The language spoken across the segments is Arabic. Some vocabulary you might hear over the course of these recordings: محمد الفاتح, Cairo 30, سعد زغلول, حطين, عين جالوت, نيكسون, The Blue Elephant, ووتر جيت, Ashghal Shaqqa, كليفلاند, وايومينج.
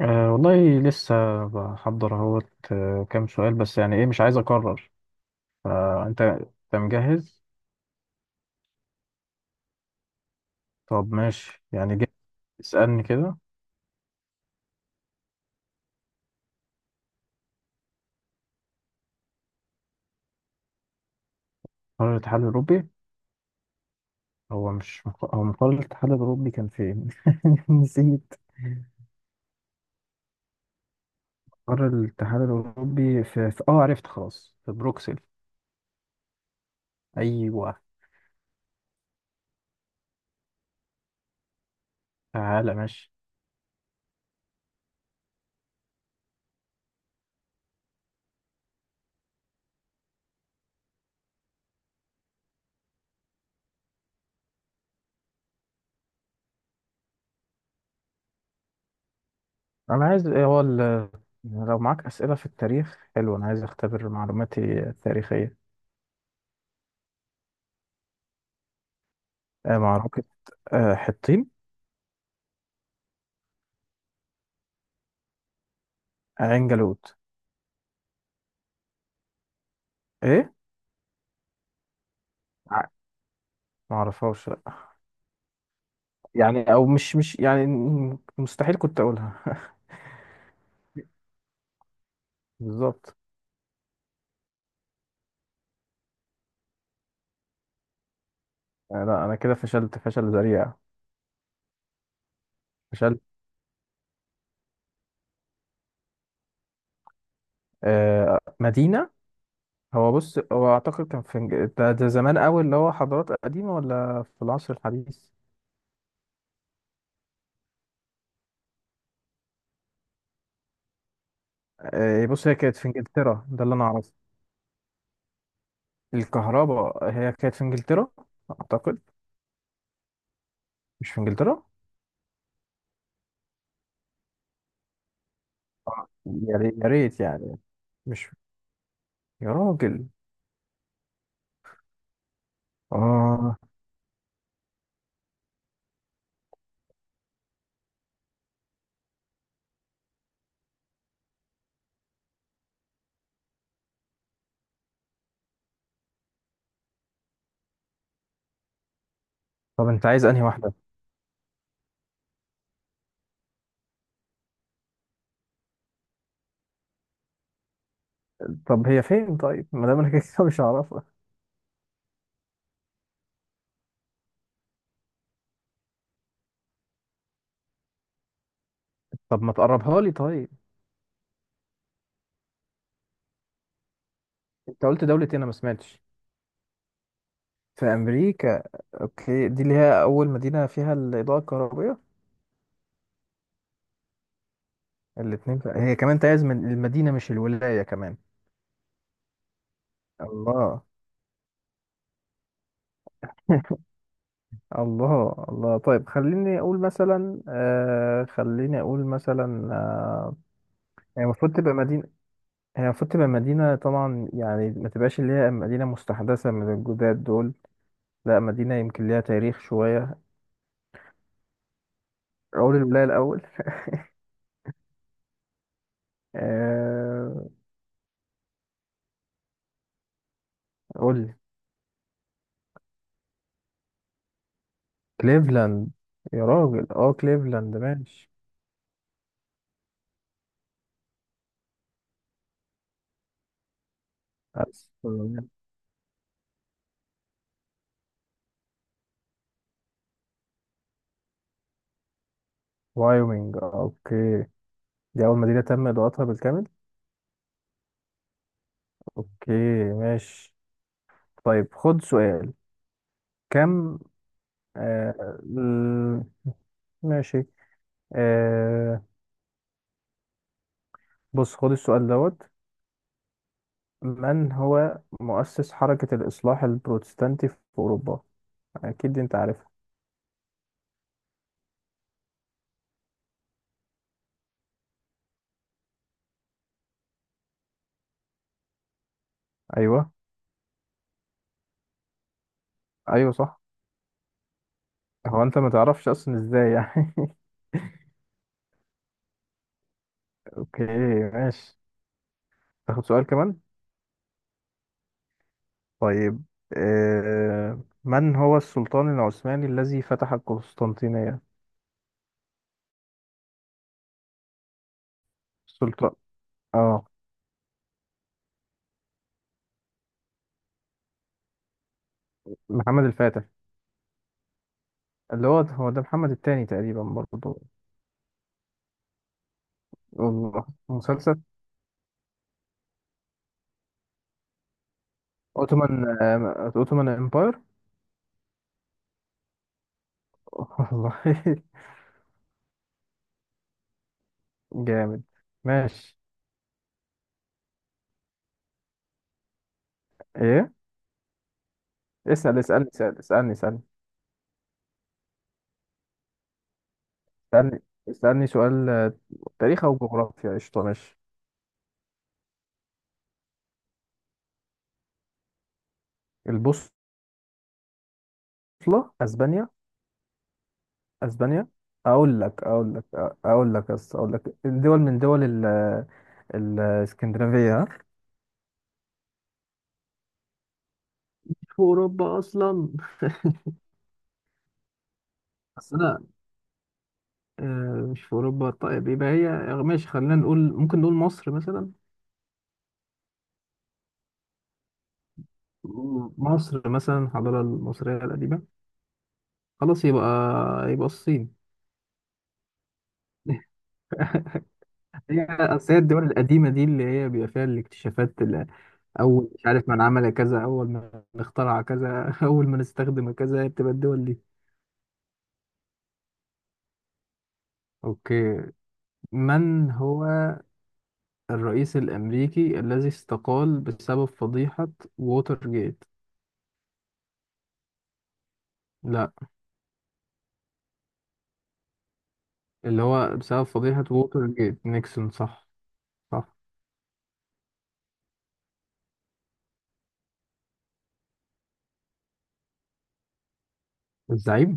أه والله لسه بحضر اهوت، كام سؤال بس، يعني ايه مش عايز اكرر. فانت انت مجهز؟ طب ماشي، يعني جه، اسألني كده. قرار الاتحاد الاوروبي. هو مش مق- هو قرار الاتحاد الاوروبي كان فين؟ نسيت. قرار الاتحاد الاوروبي في عرفت، خلاص، في بروكسل. ايوه. تعالى، ماشي. انا عايز، لو معاك اسئله في التاريخ حلو، انا عايز اختبر معلوماتي التاريخيه. معركه، حطين. عين جالوت. ايه؟ ع- ما اعرفهاش لأ. يعني، او مش يعني مستحيل كنت اقولها. بالظبط. لا انا كده فشلت فشل ذريع، فشلت. مدينة. هو بص، هو اعتقد كان في ده زمان قوي، اللي هو حضارات قديمة، ولا في العصر الحديث؟ بص، هي كانت في انجلترا، ده اللي انا اعرفه. الكهرباء هي كانت في انجلترا، اعتقد. مش في انجلترا؟ يا ريت يا ريت يعني. مش، يا راجل، اه. طب انت عايز انهي واحدة؟ طب هي فين؟ طيب، ما دام انا كده كده مش هعرف، طب ما تقربها لي طيب. انت قلت دولة ايه؟ انا ما سمعتش. في امريكا. اوكي، دي اللي هي اول مدينة فيها الاضاءة الكهربائية. الاتنين في... هي كمان تعز من المدينة مش الولاية كمان. الله. الله، الله. طيب خليني اقول مثلا، هي المفروض تبقى مدينة هي المفروض تبقى مدينة طبعا، يعني ما تبقاش اللي هي مدينة مستحدثة من الجداد دول. لا، مدينة يمكن ليها تاريخ شوية. اقول الولاية الاول. آه قول لي. كليفلاند. يا راجل، اه، كليفلاند، ماشي. بس وايومينج، اوكي. دي أول مدينة تم إضاءتها بالكامل. اوكي، ماشي. طيب، خد سؤال. كم آه ال- ماشي. آه بص خد السؤال دوت. من هو مؤسس حركة الإصلاح البروتستانتي في أوروبا؟ أكيد أنت عارفها. أيوه. أيوه صح. هو أنت ما تعرفش أصلا إزاي يعني؟ اوكي، ماشي. تاخد سؤال كمان؟ طيب، من هو السلطان العثماني الذي فتح القسطنطينية؟ السلطان، اه، محمد الفاتح. اللي هو هو ده محمد الثاني تقريبا برضه. والله، مسلسل اوتومان، اوتومان امباير. والله. جامد. ماشي. ايه؟ اسأل اسألني اسأل اسألني اسألني اسألني اسألني سؤال. تاريخ او جغرافيا، قشطة، ماشي. البوصلة. اسبانيا. اسبانيا. اقول لك اقول لك اقول لك الدول من دول الاسكندنافيه، ها؟ في اوروبا اصلا؟ بس انا، مش في اوروبا؟ طيب يبقى هي، ماشي. خلينا نقول، ممكن نقول مصر مثلا. مصر مثلا، الحضاره المصريه القديمه. خلاص، يبقى، يبقى الصين. هي أصل، هي الدول القديمه دي اللي هي بيبقى فيها الاكتشافات، اول، مش عارف من عمل كذا، اول من اخترع كذا، اول من استخدم كذا، بتبقى الدول دي. اوكي. من هو الرئيس الأمريكي الذي استقال بسبب فضيحة ووتر جيت؟ لا، اللي هو بسبب فضيحة ووتر جيت نيكسون، صح؟ صح. الزعيم؟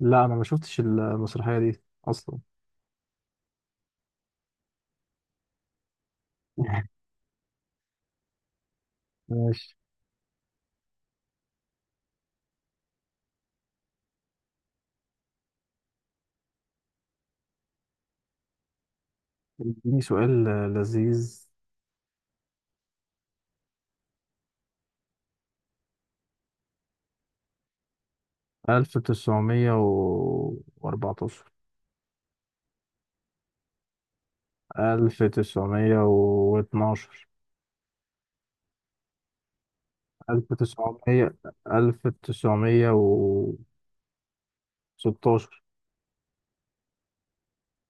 لا أنا ما شفتش المسرحية دي أصلا. ماشي. اديني سؤال لذيذ. 1914. 1912. 1900. 1916.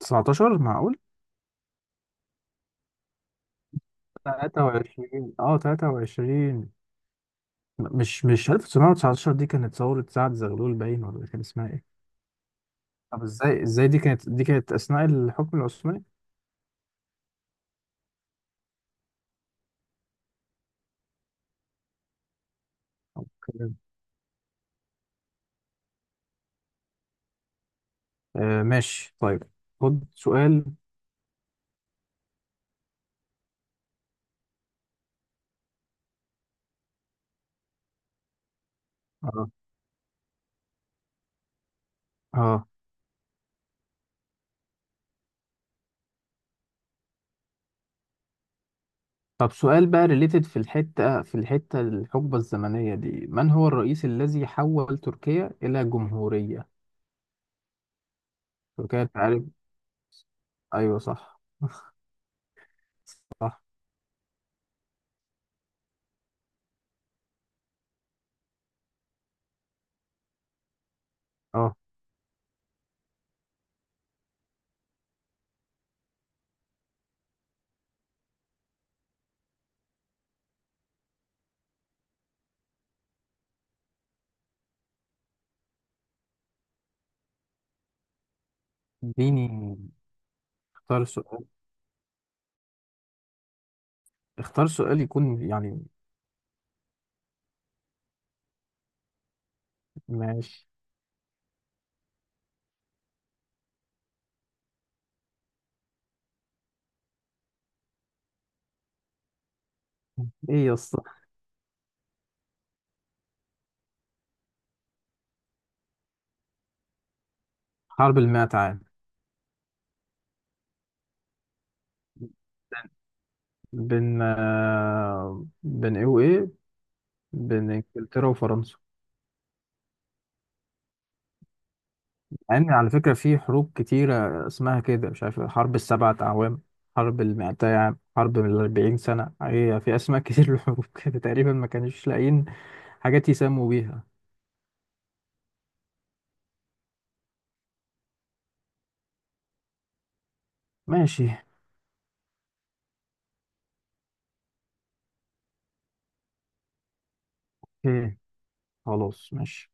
19، معقول؟ 23، اه، 23. مش 1919 دي كانت ثورة سعد زغلول باين، ولا كان اسمها ايه؟ طب ازاي، دي كانت أثناء الحكم العثماني؟ أوكي. آه، ماشي. طيب، خد سؤال. اه، اه. طب سؤال بقى ريليتد في الحتة، الحقبة الزمنية دي، من هو الرئيس الذي حول تركيا إلى جمهورية؟ تركيا أنت عارف. أيوه صح. صح. اه، اديني. اختار سؤال. اختار سؤال يكون يعني. ماشي. ايه يا اسطى؟ حرب المئة عام. بين، بين ايه وايه؟ بين انجلترا وفرنسا. يعني على فكرة في حروب كتيرة اسمها كده، مش عارف، حرب السبعة أعوام، حرب المائتي عام، حرب من الأربعين سنة، هي في أسماء كتير للحروب، كده تقريبا ما كانوش لاقيين حاجات يسموا بيها. ماشي. اوكي، خلاص، ماشي.